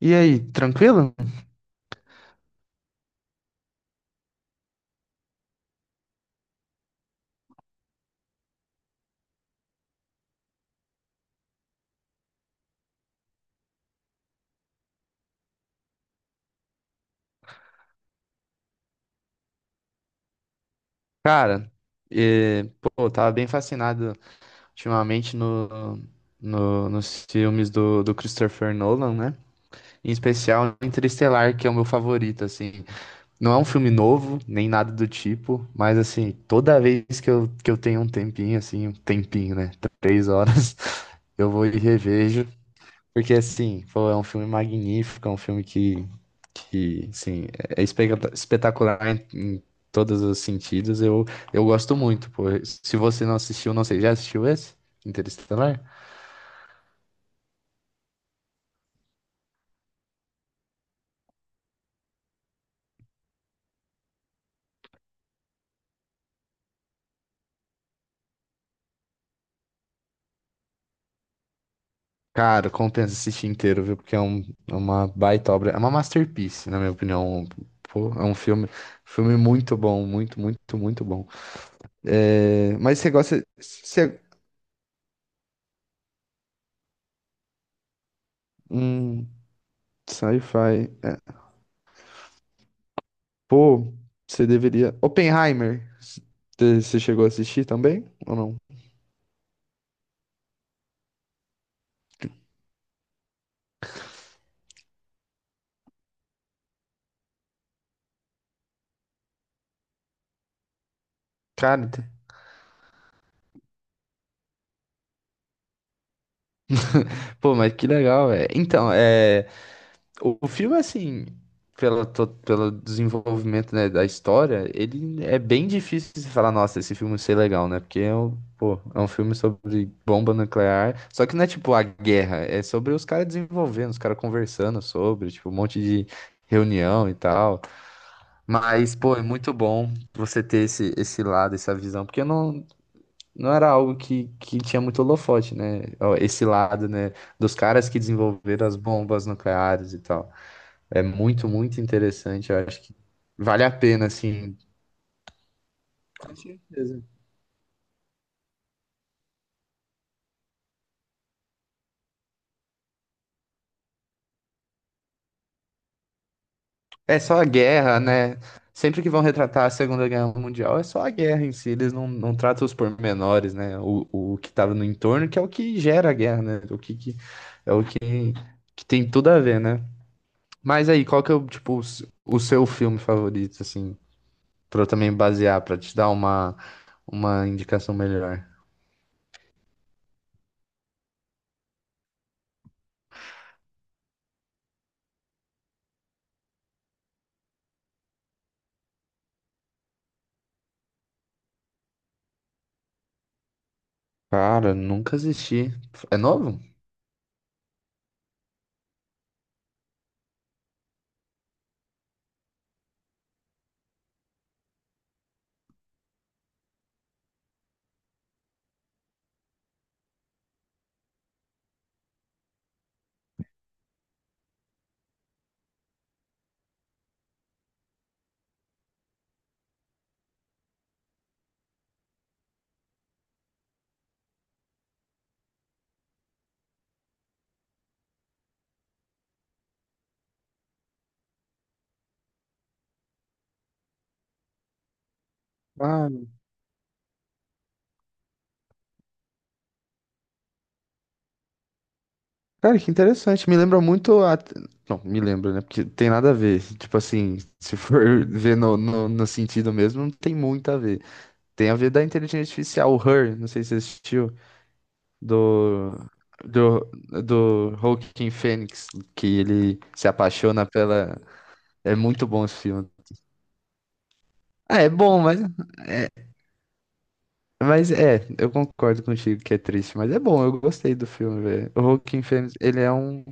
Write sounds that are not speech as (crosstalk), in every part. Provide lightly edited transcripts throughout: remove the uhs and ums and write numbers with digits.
E aí, tranquilo? Cara, pô, eu tava bem fascinado ultimamente nos filmes do Christopher Nolan, né? Em especial Interestelar, que é o meu favorito, assim. Não é um filme novo, nem nada do tipo, mas assim, toda vez que eu tenho um tempinho, assim, um tempinho, né? Três horas, (laughs) eu vou e revejo. Porque, assim, pô, é um filme magnífico, é um filme que, é espetacular em todos os sentidos. Eu gosto muito, pô. Se você não assistiu, não sei, já assistiu esse? Interestelar? Cara, compensa assistir inteiro, viu? Porque é um, é uma baita obra, é uma masterpiece, na minha opinião. Pô, é um filme muito bom, muito, muito, muito bom. É, mas você gosta... Você, hum, sci-fi... é, pô, você deveria. Oppenheimer, você chegou a assistir também ou não? Cara, pô, mas que legal, velho. Então, é, o filme, assim, pela, pelo desenvolvimento, né, da história, ele é bem difícil de falar, nossa, esse filme ser legal, né? Porque é um, pô, é um filme sobre bomba nuclear, só que não é tipo a guerra, é sobre os caras desenvolvendo, os caras conversando sobre, tipo, um monte de reunião e tal. Mas, pô, é muito bom você ter esse, esse lado, essa visão, porque não era algo que tinha muito holofote, né? Ó, esse lado, né, dos caras que desenvolveram as bombas nucleares e tal. É muito, muito interessante, eu acho que vale a pena, assim. Com certeza. É só a guerra, né? Sempre que vão retratar a Segunda Guerra Mundial, é só a guerra em si, eles não tratam os pormenores, né? O que estava no entorno, que é o que gera a guerra, né? O que é o que tem tudo a ver, né? Mas aí, qual que é o, tipo, o o seu filme favorito, assim, pra eu também basear, pra te dar uma indicação melhor? Cara, nunca assisti. É novo? Ah, cara, que interessante. Me lembra muito a... Não, me lembra, né? Porque tem nada a ver. Tipo assim, se for (laughs) ver no sentido mesmo, não tem muito a ver. Tem a ver da inteligência artificial, o Her, não sei se você assistiu, do... Do, do Joaquin Phoenix, que ele se apaixona pela. É muito bom esse filme. Ah, é bom, mas é, eu concordo contigo que é triste, mas é bom, eu gostei do filme, velho. O Joaquin Phoenix, ele é um,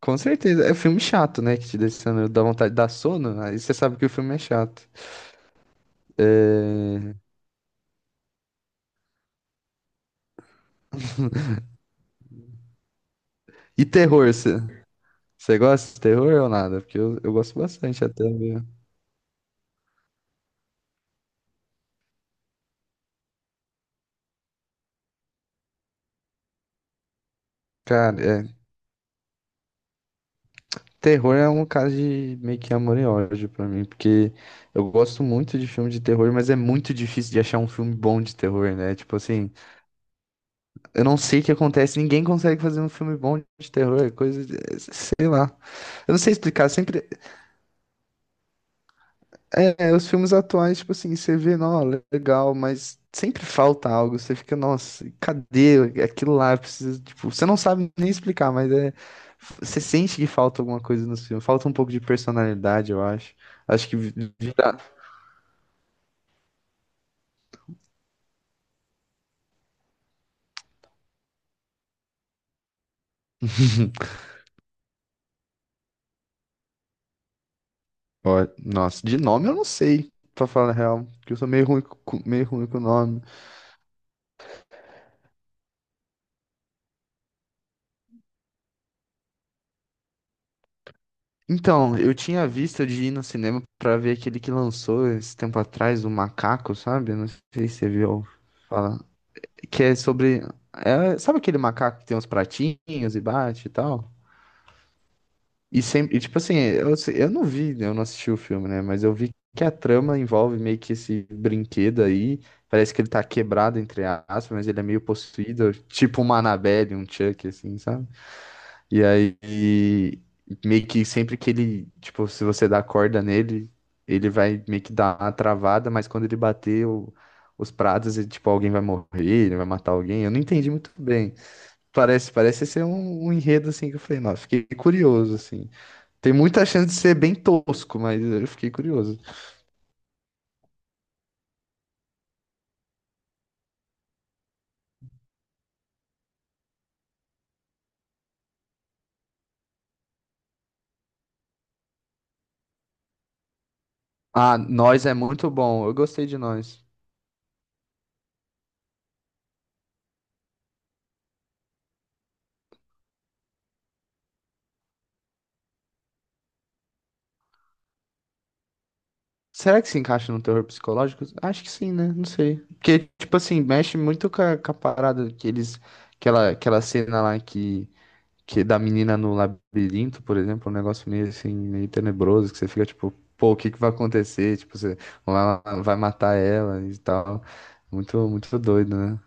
com certeza, é um filme chato, né, que te deixa, dá vontade de dar sono, aí você sabe que o filme é chato. É... E terror, você gosta de terror ou nada? Porque eu gosto bastante até, viu? Cara, é, terror é um caso de meio que amor e ódio pra mim, porque eu gosto muito de filme de terror, mas é muito difícil de achar um filme bom de terror, né? Tipo assim... Eu não sei o que acontece, ninguém consegue fazer um filme bom de terror, é coisa, é, sei lá. Eu não sei explicar, sempre os filmes atuais, tipo assim, você vê, não, legal, mas sempre falta algo, você fica, nossa, cadê aquilo lá? Eu preciso, tipo, você não sabe nem explicar, mas é você sente que falta alguma coisa nos filmes, falta um pouco de personalidade, eu acho. Acho que virar, ó, nossa, de nome eu não sei, pra falar a real, porque eu sou meio ruim, meio ruim com nome. Então, eu tinha visto de ir no cinema pra ver aquele que lançou esse tempo atrás, o Macaco, sabe? Não sei se você viu falar. Que é sobre. É, sabe aquele macaco que tem uns pratinhos e bate e tal? E sempre. E, tipo assim, eu, eu não vi, né, eu não assisti o filme, né? Mas eu vi que a trama envolve meio que esse brinquedo aí. Parece que ele tá quebrado, entre aspas, mas ele é meio possuído, tipo uma Annabelle, um Chuck, assim, sabe? E aí, meio que sempre que ele, tipo, se você dá corda nele, ele vai meio que dar uma travada, mas quando ele bater os pratos, ele, tipo, alguém vai morrer, ele vai matar alguém. Eu não entendi muito bem. Parece ser um, um enredo, assim, que eu falei, nossa, fiquei curioso, assim. Tem muita chance de ser bem tosco, mas eu fiquei curioso. Ah, Nós é muito bom. Eu gostei de Nós. Será que se encaixa no terror psicológico? Acho que sim, né? Não sei. Porque, tipo assim, mexe muito com a parada que eles. Aquela cena lá que da menina no labirinto, por exemplo, um negócio meio assim, meio tenebroso, que você fica tipo, pô, o que que vai acontecer? Tipo, você lá vai matar ela e tal. Muito, muito doido, né?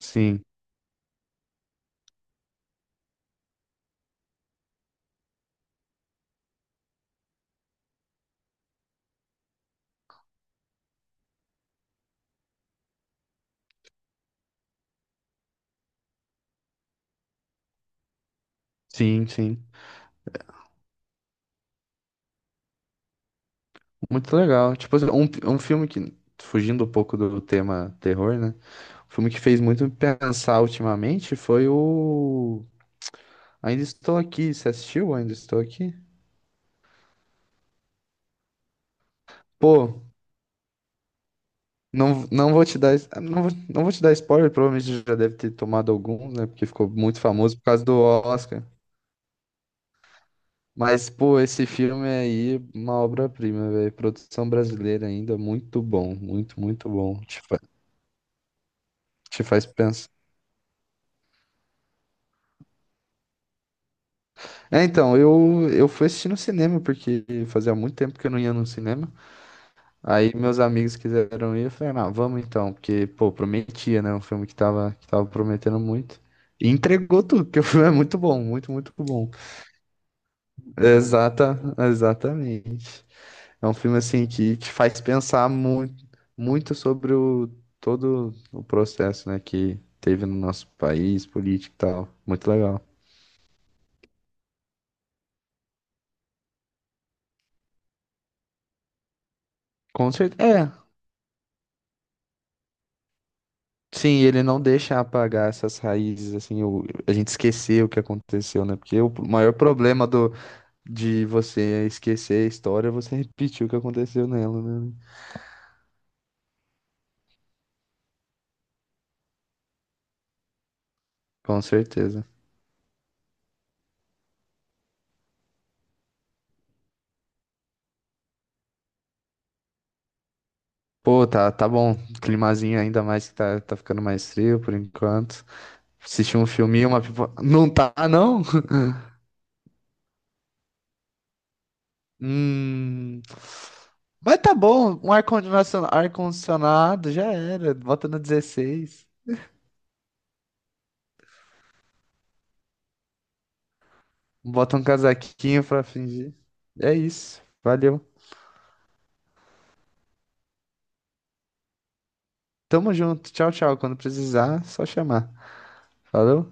Sim, sim, sim. Muito legal. Tipo, assim, um filme que, fugindo um pouco do tema terror, né? O filme que fez muito me pensar ultimamente foi o Ainda estou aqui. Você assistiu? Ainda estou aqui? Pô, não, não vou te dar, não, não vou te dar spoiler, provavelmente já deve ter tomado alguns, né? Porque ficou muito famoso por causa do Oscar. Mas, pô, esse filme aí, é uma obra-prima, velho. Produção brasileira ainda, muito bom, muito, muito bom. Te, te faz pensar. É, então, eu fui assistir no cinema, porque fazia muito tempo que eu não ia no cinema. Aí meus amigos quiseram ir, eu falei, não, vamos então, porque, pô, prometia, né? Um filme que tava prometendo muito. E entregou tudo, porque o filme é muito bom, muito, muito bom. Exata, exatamente. É um filme, assim, que te faz pensar muito, muito sobre o, todo o processo, né, que teve no nosso país, político e tal. Muito legal. Com certeza. É. Sim, ele não deixa apagar essas raízes, assim, a gente esquecer o que aconteceu, né? Porque o maior problema do, de você esquecer a história, você (laughs) repetir o que aconteceu nela, né? Com certeza. Pô, tá, tá bom. Climazinho ainda mais que tá, tá ficando mais frio por enquanto. Assistir um filminho, uma pipoca. Não tá, não? (laughs) Hum. Mas tá bom, um ar-condicionado já era. Bota no 16. Bota um casaquinho pra fingir. É isso. Valeu. Tamo junto. Tchau, tchau. Quando precisar, só chamar. Falou?